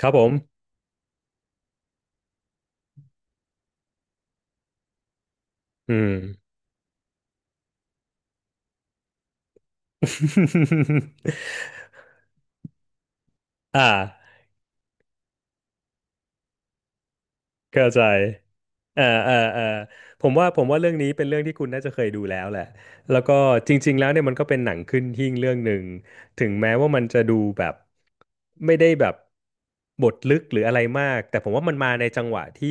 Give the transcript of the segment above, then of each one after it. ครับผมอืม อ่าเข้าใจเอ่าอ่าอ่าผมว่าเรื่องนี้เป็นเรื่องที่คุณน่าจะเคยดูแล้วแหละแล้วก็จริงๆแล้วเนี่ยมันก็เป็นหนังขึ้นหิ้งเรื่องหนึ่งถึงแม้ว่ามันจะดูแบบไม่ได้แบบบทลึกหรืออะไรมากแต่ผมว่ามันมาในจังหวะที่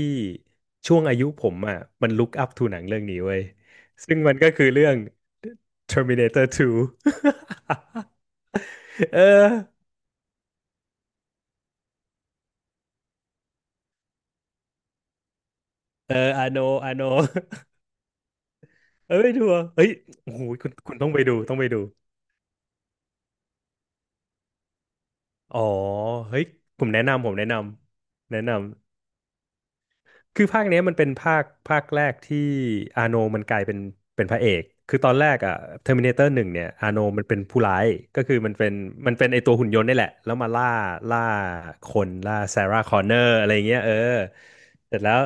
ช่วงอายุผมอ่ะมันลุกอัพทูหนังเรื่องนี้เว้ยซึ่งมันก็คือเรื่อง Terminator 2 เออเออ I know I know เอ้ยดูอ่ะเฮ้ยโอ้โหคุณต้องไปดูต้องไปดูอ๋อเฮ้ยผมแนะนำคือภาคเนี้ยมันเป็นภาคแรกที่อาโนมันกลายเป็นพระเอกคือตอนแรกอ่ะ Terminator หนึ่งเนี่ยอาโนมันเป็นผู้ร้ายก็คือมันเป็นไอตัวหุ่นยนต์นี่แหละแล้วมาล่าล่าคนล่าซาร่าคอนเนอร์อะไรเงี้ยเออเสร็จแล้ว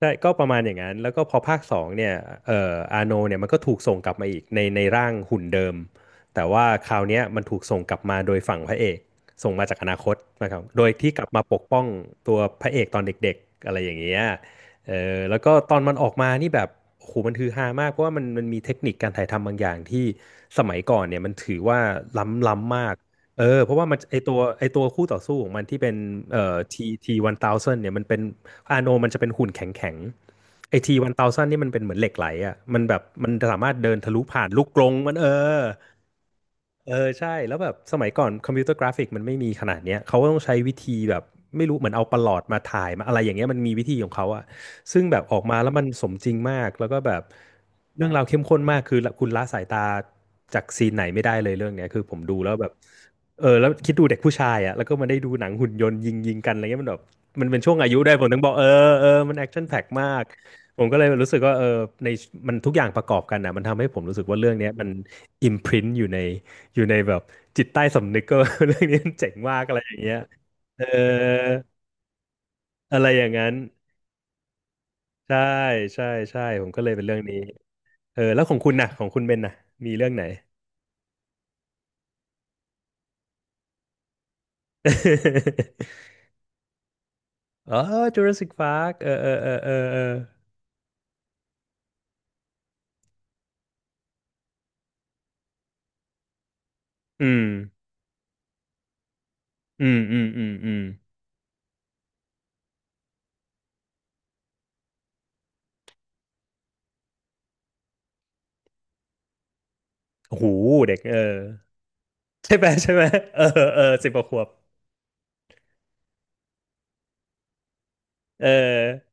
ใช่ก็ประมาณอย่างนั้นแล้วก็พอภาคสองเนี่ยอาโนเนี่ยมันก็ถูกส่งกลับมาอีกในร่างหุ่นเดิมแต่ว่าคราวเนี้ยมันถูกส่งกลับมาโดยฝั่งพระเอกส่งมาจากอนาคตนะครับโดยที่กลับมาปกป้องตัวพระเอกตอนเด็กๆอะไรอย่างเงี้ยเออแล้วก็ตอนมันออกมานี่แบบโอ้โหมันฮือฮามากเพราะว่ามันมีเทคนิคการถ่ายทำบางอย่างที่สมัยก่อนเนี่ยมันถือว่าล้ำล้ำมาก เออเพราะว่ามันไอตัวคู่ต่อสู้ของมันที่เป็นทีวันเทาซันเนี่ยมันเป็นอาโนมันจะเป็นหุ่นแข็งแข็งไอทีวันเทาซันนี่มันเป็นเหมือนเหล็กไหลอ่ะมันแบบมันสามารถเดินทะลุผ่านลูกกรงมันเออ เออใช่แล้วแบบสมัยก่อนคอมพิวเตอร์กราฟิกมันไม่มีขนาดเนี้ยเขาก็ต้องใช้วิธีแบบไม่รู้เหมือนเอาประหลอดมาถ่ายมาอะไรอย่างเงี้ยมันมีวิธีของเขาอะซึ่งแบบออกมาแล้วมันสมจริงมากแล้วก็แบบเรื่องราวเข้มข้นมากคือคุณละสายตาจากซีนไหนไม่ได้เลยเรื่องเนี้ยคือผมดูแล้วแบบเออแล้วคิดดูเด็กผู้ชายอะแล้วก็มาได้ดูหนังหุ่นยนต์ยิงยิงกันอะไรเงี้ยมันแบบมันเป็นช่วงอายุได้วยผมถึงบอกเออเออมันแอคชั่นแพ็คมากผมก็เลยรู้สึกว่าเออในมันทุกอย่างประกอบกันอะมันทำให้ผมรู้สึกว่าเรื่องเนี้ยมันอิมพรินอยู่ใน อยู่ในแบบจิตใต้สำนึกก็ เรื่องนี้มันเจ๋งมากอะไรอย่างเงี้ยเอออะไรอย่างนั้นใช่ใช่ใช่ผมก็เลยเป็นเรื่องนี้เออแล้วของคุณน่ะของคุณเบนน่ะมีเรื่องไหน อ๋อ Jurassic Park เออเออเออเออเอออืมอืมอืมอืมอืมโอ้โหเด็กเออใช่ไหมใช่ไหมเออเออสิบกว่าขวบเออ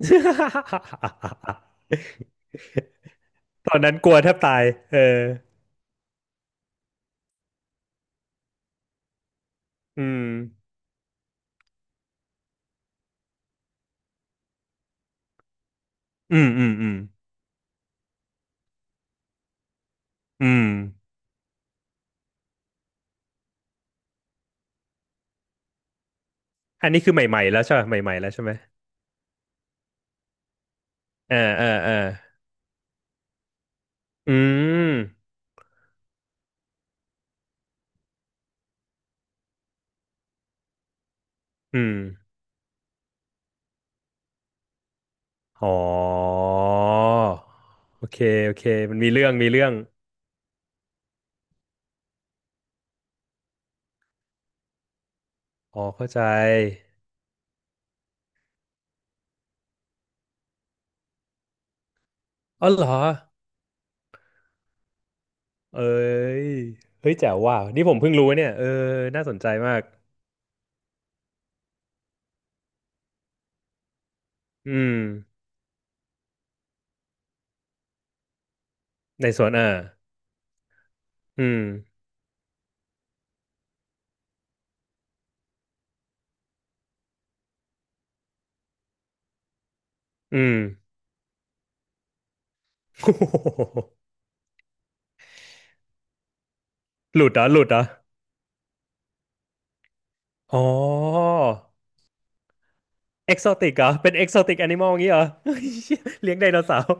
ตอนนั้นกลัวแทบตายเอออืมอืมอืมอืมอืม อันนี้คือใหม่ๆแล้วใช่ไหมใหม่ๆแล้วใช่ไหมเออเออเอออืมอืมอ๋อโอเคโอเคมันมีเรื่องมีเรื่องอ๋อเข้าใจอ๋อเหรอเอ้ยเฮ้ยแจ๋วว่ะนี่ผมเพิ่งรู้เนี่ยเออน่าสนใจมากอืมในสวนออะอืมอืม โอ้โหหลุดเหรอหลุดเหรออ๋อเอ็กโซติกเหรอเป็นเอ็กโซติกแอนิมอลงี้เหรอ เฮ้ยเลี้ยงไดโนเสาร์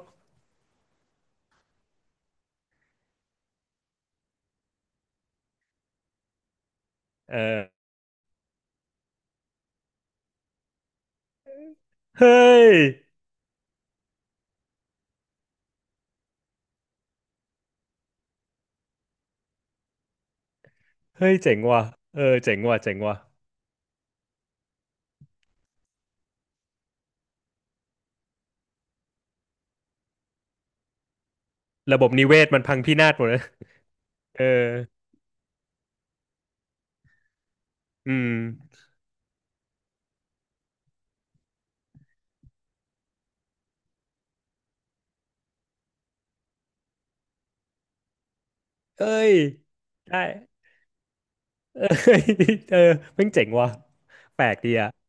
เออเฮ้ย เฮ้ยเจ๋งว่ะเออเจ๋งว่ะเจ๋งว่ะระบบนิเวศมันพังพินาศหมดเลยเออ อืม เอ้ย ได้ เอ้ยเออเพิ่งเจ๋งว่ะแปลกดีอ่ะ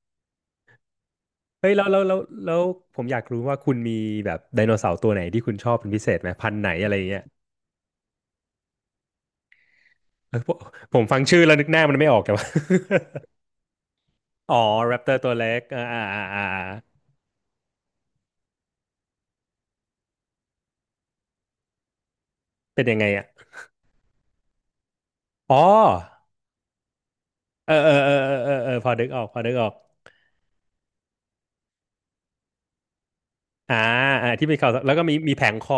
เฮ้ยแล้วแล้วผมอยากรู้ว่าคุณมีแบบไดโนเสาร์ตัวไหนที่คุณชอบเป็นพิเศษไหมพันธุ์ไหนอะไรอย่างเงี้ยเออผมฟังชื่อแล้วนึกหน้ามันไม่ออกแต่ว่า อ๋อแรปเตอร์ตัวเล็กอ่าอ่าอ่าอ่าเป็นยังไงอ่ะอ๋อเออเออเออเออเออเออพอนึกออกพอนึกออกอ่าอ่าที่มีเขาแล้วก็มีมีแผงคอ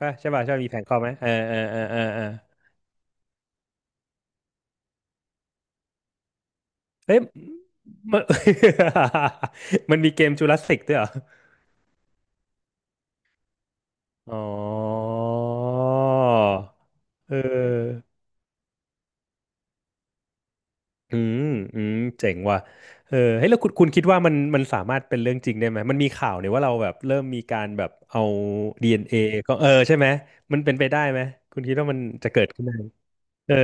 ป่ะใช่ป่ะใช่ป่ะมีแผนคอมไหมเออเออเออเออเออเฮ้ยมัน มันมีเกมจูราสสิกด้วยเหรออ๋อเอออืมอืมเจ๋งว่ะเออเฮ้ยแล้วคุณคิดว่ามันสามารถเป็นเรื่องจริงได้ไหมมันมีข่าวเนี่ยว่าเราแบบเริ่มมีการแบบเอา DNA ก็เออใช่ไหมมันเป็นไปได้ไหมคุณคิดว่ามันจะเกิดขึ้นได้ไหมเออ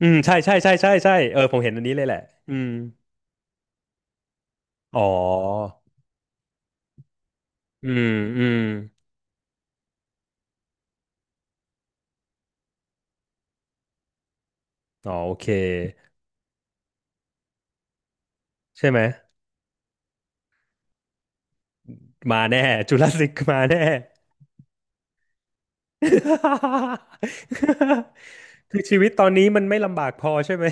อืมใช่ใช่ใช่ใช่ใช่เออผมเห็นอันนี้เลยแหละอืมอ๋ออืมอืม อ๋อโอเคใช่ไหมมาแน่จูราสสิกมาแน่ คือชีวิตตอนนี้มันไม่ลำบากพอใช่ไหม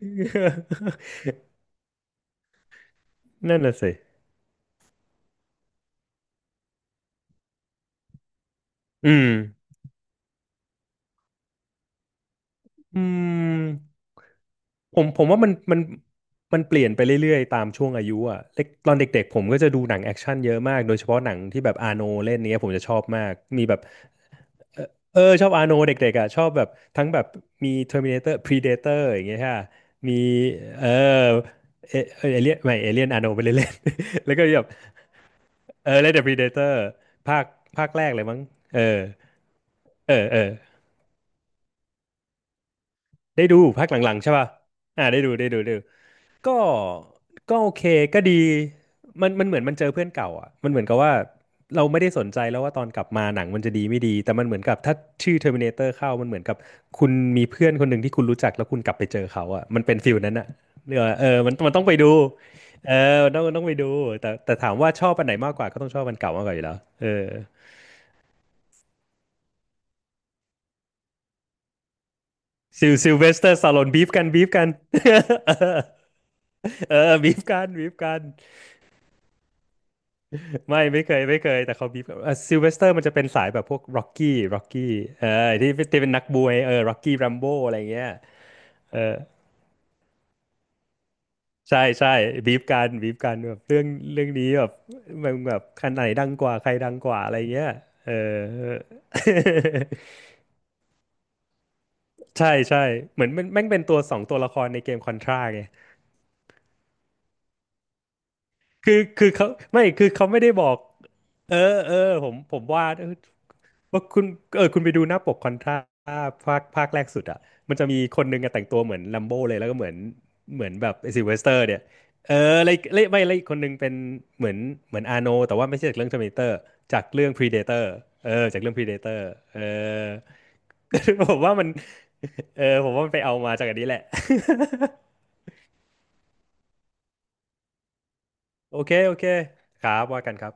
นั่นน่ะสิอืมอืมผมว่ามันเปลี่ยนไปเรื่อยๆตามช่วงอายุอ่ะเล็กตอนเด็กๆผมก็จะดูหนังแอคชั่นเยอะมากโดยเฉพาะหนังที่แบบอาโนเล่นเนี้ยผมจะชอบมากมีแบบ เออชอบอาโนเด็กๆอ่ะชอบแบบทั้งแบบมี Terminator Predator อย่างเงี้ยค่ะมีเออเอเอเลียนไม่เอเลียนอาโนไปเล่นๆ แล้วก็แบบเออเล่นแต่ Predator ภาคภาคแรกเลยมั้งเออเออเออได้ดูภาคหลังๆใช่ป่ะอ่าได้ดูได้ดูได้ดู ก็ก็โอเคก็ดีมันเหมือนมันเจอเพื่อนเก่าอ่ะมันเหมือนกับว่าเราไม่ได้สนใจแล้วว่าตอนกลับมาหนังมันจะดีไม่ดีแต่มันเหมือนกับถ้าชื่อ Terminator เข้ามันเหมือนกับคุณมีเพื่อนคนหนึ่งที่คุณรู้จักแล้วคุณกลับไปเจอเขาอ่ะมันเป็นฟิลนั้นอ่ะเออเออมันต้องไปดูเออมันต้องไปดูแต่ถามว่าชอบอันไหนมากกว่าก็ต้องชอบอันเก่ามากกว่าอยู่แล้วเออซิลซิลเวสเตอร์สตาโลนบีฟกันบีฟกัน เออบีฟกันบีฟกัน ไม่เคยไม่เคยแต่เขาบีบซิลเวสเตอร์มันจะเป็นสายแบบพวกร็อกกี้ร็อกกี้เออที่เป็นนักบวยเออร็อกกี้แรมโบ้อะไรเงี้ยเออใช่ใช่บีบกันบีบกันแบบเรื่องเรื่องนี้แบบมันแบบคันไหนดังกว่าใครดังกว่าอะไรเงี้ยเออ ใช่ใช่เหมือนมันแม่งเป็นตัวสองตัวละครในเกมคอนทราไงคือเขาไม่คือเขาไม่ได้บอกเออเออผมวา ว่าคุณเออคุณไปดูหน้าปกคอนทราภาคแรกสุดอ่ะมันจะมีคนหนึงอะแต่งตัวเหมือนลัมโบเลยแล้วก็เหมือนเหมือนแบบซิลเวสเตอร์เนี่ยเอออะไรอะไรไม่อะไรอีกคนหนึงเป็นเหมือนเหมือนอาโนแต่ว่าไม่ใช่จากเรื่อง Terminator จากเรื่อง Predator เออจากเรื่อง Predator เออ ผมว่ามันเออผมว่ามันไปเอามาจากอันนี้แหละ โอเคโอเคครับว่ากันครับ